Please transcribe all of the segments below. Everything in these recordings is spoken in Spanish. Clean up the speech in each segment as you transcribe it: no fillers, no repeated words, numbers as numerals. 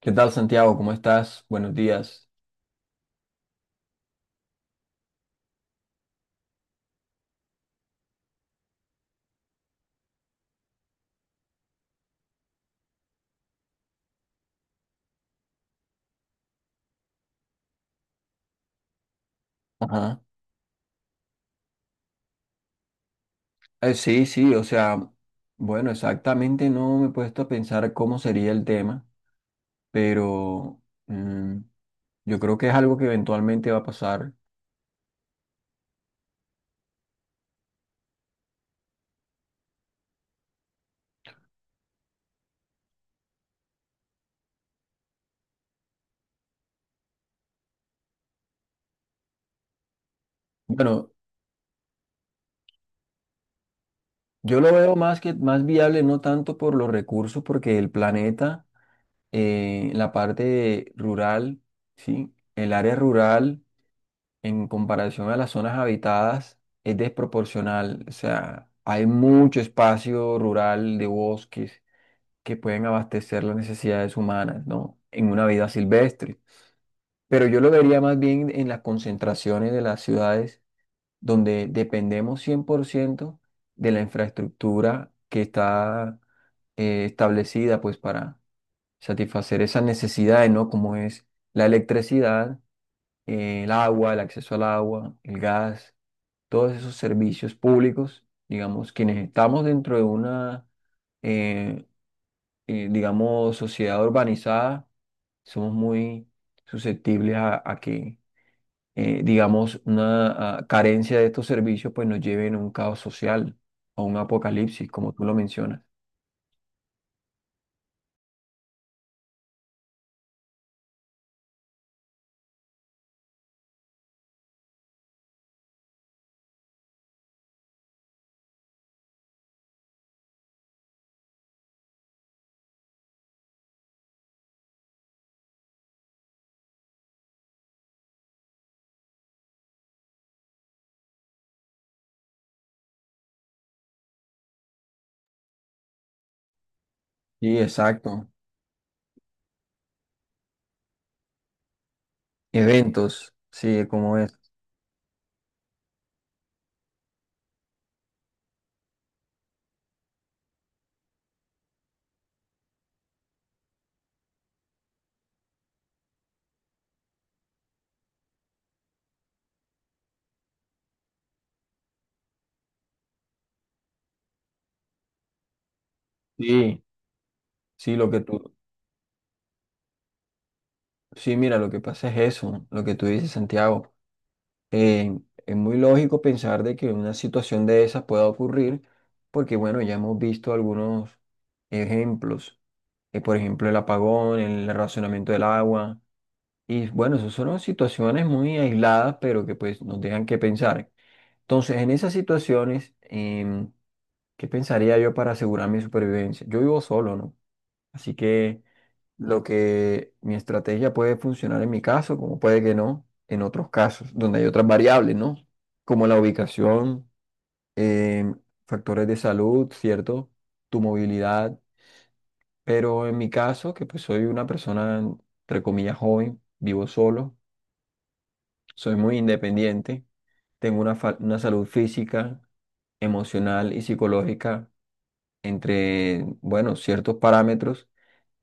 ¿Qué tal, Santiago? ¿Cómo estás? Buenos días. Ajá. Sí, sí, o sea, bueno, exactamente no me he puesto a pensar cómo sería el tema, pero mm, yo creo que es algo que eventualmente va a pasar. Bueno, yo lo veo más viable, no tanto por los recursos, porque el planeta, la parte rural, sí, el área rural. En comparación a las zonas habitadas es desproporcional. O sea, hay mucho espacio rural de bosques que pueden abastecer las necesidades humanas, ¿no? En una vida silvestre. Pero yo lo vería más bien en las concentraciones de las ciudades donde dependemos 100% de la infraestructura que está establecida pues para satisfacer esas necesidades, ¿no? Como es la electricidad, el agua, el acceso al agua, el gas, todos esos servicios públicos, digamos, quienes estamos dentro de una, eh, digamos, sociedad urbanizada, somos muy susceptibles a que, digamos, una carencia de estos servicios pues nos lleven a un caos social, a un apocalipsis, como tú lo mencionas. Sí, exacto. Eventos, sí, como es. Sí, sí, sí, mira, lo que pasa es eso, lo que tú dices, Santiago. Eh, es muy lógico pensar de que una situación de esas pueda ocurrir porque, bueno, ya hemos visto algunos ejemplos, por ejemplo, el apagón, el racionamiento del agua, y bueno, esas son situaciones muy aisladas, pero que pues nos dejan que pensar. Entonces, en esas situaciones, ¿qué pensaría yo para asegurar mi supervivencia? Yo vivo solo, ¿no? Así que lo que mi estrategia puede funcionar en mi caso, como puede que no, en otros casos, donde hay otras variables, ¿no? Como la ubicación, em, factores de salud, ¿cierto? Tu movilidad. Pero en mi caso, que pues soy una persona, entre comillas, joven, vivo solo, soy muy independiente, tengo una salud física, emocional y psicológica entre, bueno, ciertos parámetros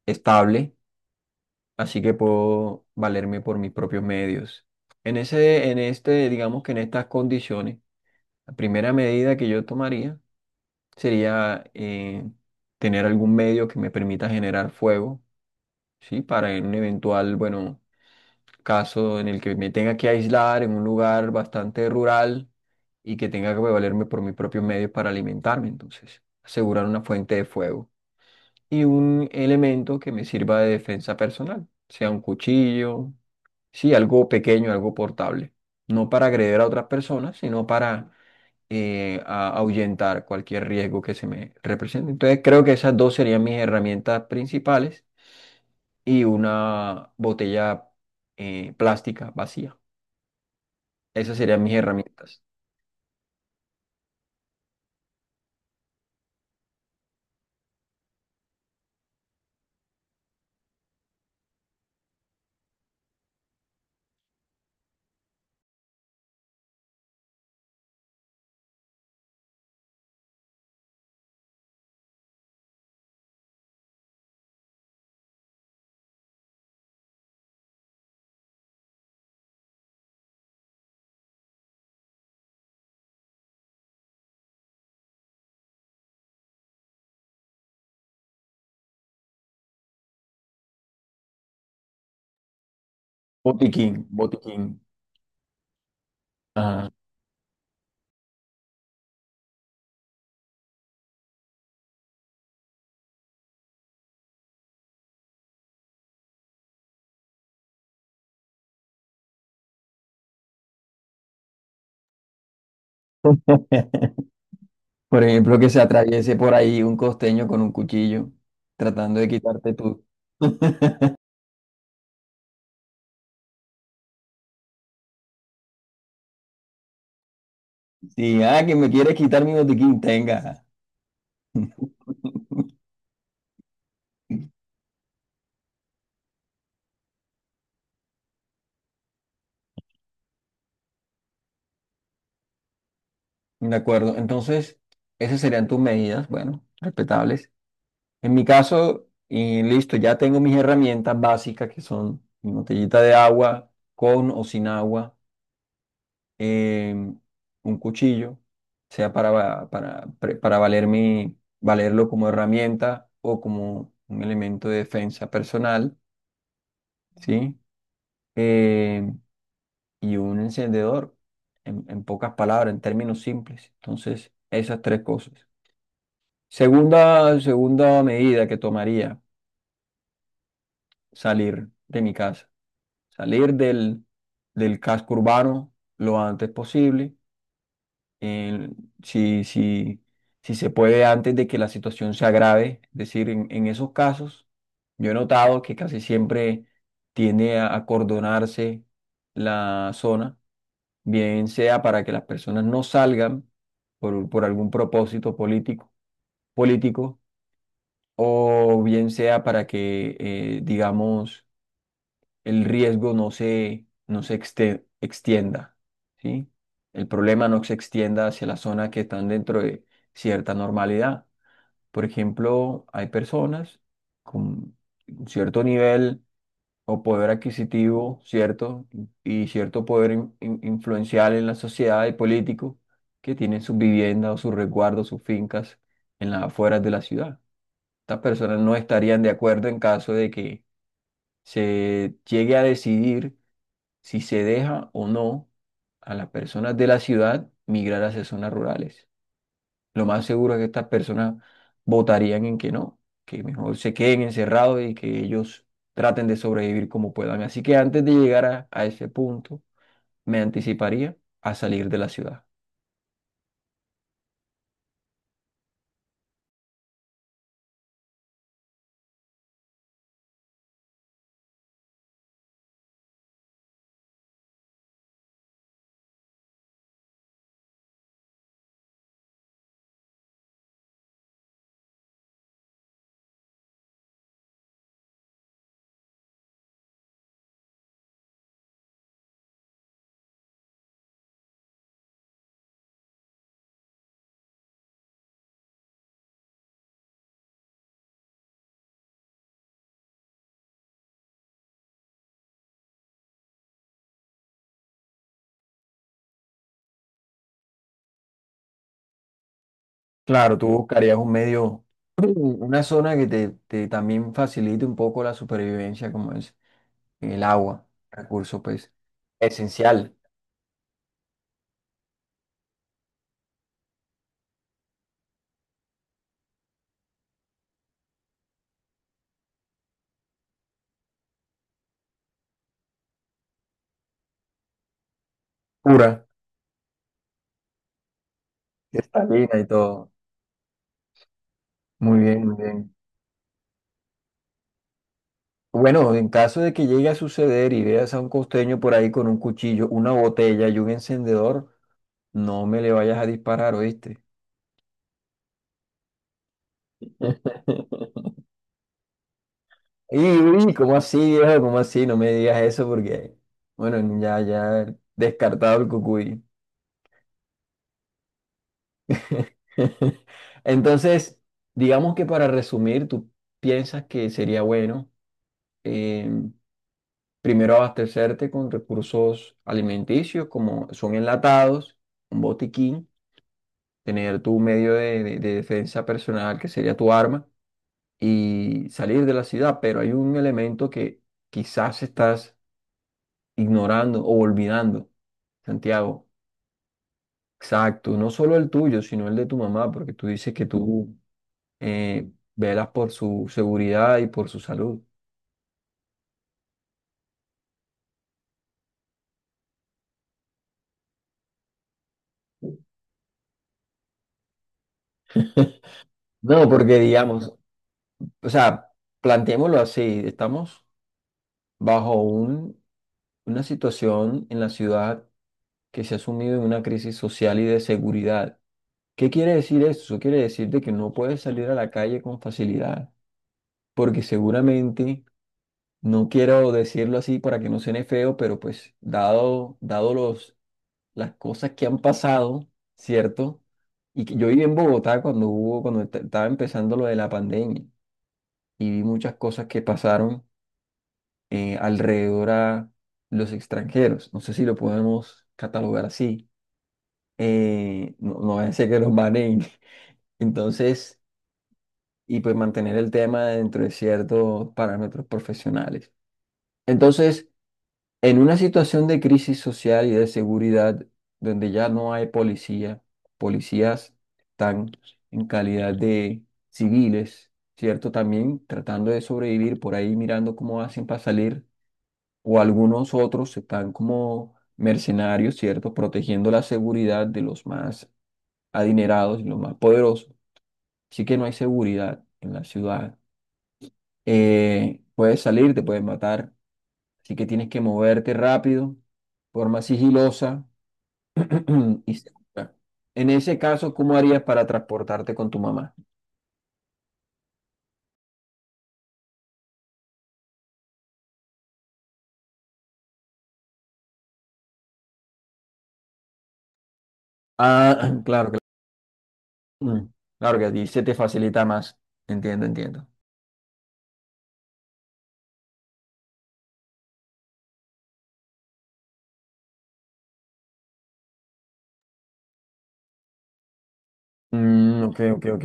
estable, así que puedo valerme por mis propios medios. En ese, en este, digamos que en estas condiciones, la primera medida que yo tomaría sería tener algún medio que me permita generar fuego, ¿sí? Para en un eventual, bueno, caso en el que me tenga que aislar en un lugar bastante rural y que tenga que valerme por mis propios medios para alimentarme, entonces, asegurar una fuente de fuego y un elemento que me sirva de defensa personal, sea un cuchillo, sí, algo pequeño, algo portable, no para agreder a otras personas, sino para ahuyentar cualquier riesgo que se me represente. Entonces creo que esas dos serían mis herramientas principales y una botella plástica vacía. Esas serían mis herramientas. Botiquín, botiquín. Ajá. Por ejemplo, que se atraviese por ahí un costeño con un cuchillo, tratando de quitarte tú. Sí, ah, que me quieres quitar mi botiquín, tenga. De acuerdo, entonces esas serían tus medidas, bueno, respetables. En mi caso, y listo, ya tengo mis herramientas básicas que son mi botellita de agua, con o sin agua, em, un cuchillo, sea para, va- para, pre- para valer mi- valerlo como herramienta o como un elemento de defensa personal, ¿sí? Em, y un encendedor, en pocas palabras, en términos simples. Entonces, esas tres cosas. Segunda medida que tomaría, salir de mi casa, salir del casco urbano lo antes posible, el- si, si, si se puede antes de que la situación se agrave. Es decir, en esos casos, yo he notado que casi siempre tiende a acordonarse la zona, bien sea para que las personas no salgan por algún propósito político, o bien sea para que, digamos, el riesgo no se extienda, ¿sí? El problema no se extienda hacia la zona que están dentro de cierta normalidad. Por ejemplo, hay personas con un cierto nivel o poder adquisitivo, ¿cierto? Y cierto poder influencial en la sociedad y político, que tienen sus viviendas o sus resguardos, sus fincas en las afueras de la ciudad. Estas personas no estarían de acuerdo en caso de que se llegue a decidir si se deja o no a las personas de la ciudad migrar hacia zonas rurales. Lo más seguro es que estas personas votarían en que no, que mejor se queden encerrados y que ellos traten de sobrevivir como puedan. Así que antes de llegar a ese punto, me anticiparía a salir de la ciudad. Claro, tú buscarías un medio, una zona que te también facilite un poco la supervivencia, como es el agua, recurso pues esencial, pura, cristalina y todo. Muy bien, muy bien. Bueno, en caso de que llegue a suceder y veas a un costeño por ahí con un cuchillo, una botella y un encendedor, no me le vayas a disparar, ¿oíste? Y, uy, ¿cómo así, viejo? ¿Cómo así? No me digas eso porque, bueno, ya, ya descartado el cucuy. Entonces, digamos que para resumir, tú piensas que sería bueno, eh, primero abastecerte con recursos alimenticios como son enlatados, un botiquín, tener tu medio de defensa personal, que sería tu arma, y salir de la ciudad. Pero hay un elemento que quizás estás ignorando o olvidando, Santiago. Exacto, no solo el tuyo, sino el de tu mamá, porque tú dices que tú, velas por su seguridad y por su salud. No, porque digamos, o sea, planteémoslo así, estamos bajo un, una situación en la ciudad que se ha sumido en una crisis social y de seguridad. ¿Qué quiere decir eso? Eso quiere decir de que no puedes salir a la calle con facilidad, porque seguramente, no quiero decirlo así para que no suene feo, pero pues dado, dado los, las cosas que han pasado, ¿cierto? Y que yo viví en Bogotá cuando estaba empezando lo de la pandemia y vi muchas cosas que pasaron alrededor a los extranjeros. No sé si lo podemos catalogar así. No, no vaya a ser que los banen. Entonces... y pues mantener el tema dentro de ciertos parámetros profesionales. Entonces, en una situación de crisis social y de seguridad donde ya no hay policía, policías están en calidad de civiles, ¿cierto? También tratando de sobrevivir por ahí mirando cómo hacen para salir, o algunos otros están como mercenarios, ¿cierto? Protegiendo la seguridad de los más adinerados y los más poderosos. Así que no hay seguridad en la ciudad, puedes salir, te puedes matar. Así que tienes que moverte rápido, forma sigilosa y segura. En ese caso, ¿cómo harías para transportarte con tu mamá? Ah, claro, claro. Mm, claro que a ti se te facilita más. Entiendo, entiendo. Mm, ok, ok, ok.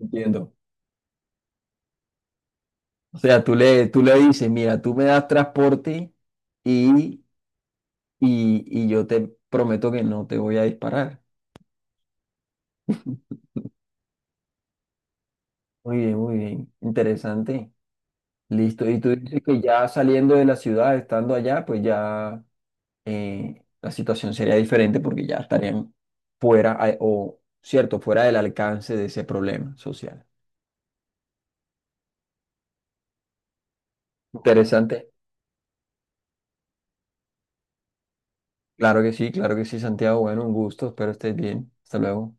Entiendo. O sea, tú le dices, mira, tú me das transporte y, y yo te prometo que no te voy a disparar. Muy bien, muy bien. Interesante. Listo, y tú dices que ya saliendo de la ciudad, estando allá, pues ya, la situación sería diferente porque ya estarían fuera, o cierto, fuera del alcance de ese problema social. Interesante. Claro que sí, Santiago. Bueno, un gusto, espero estés bien. Hasta luego.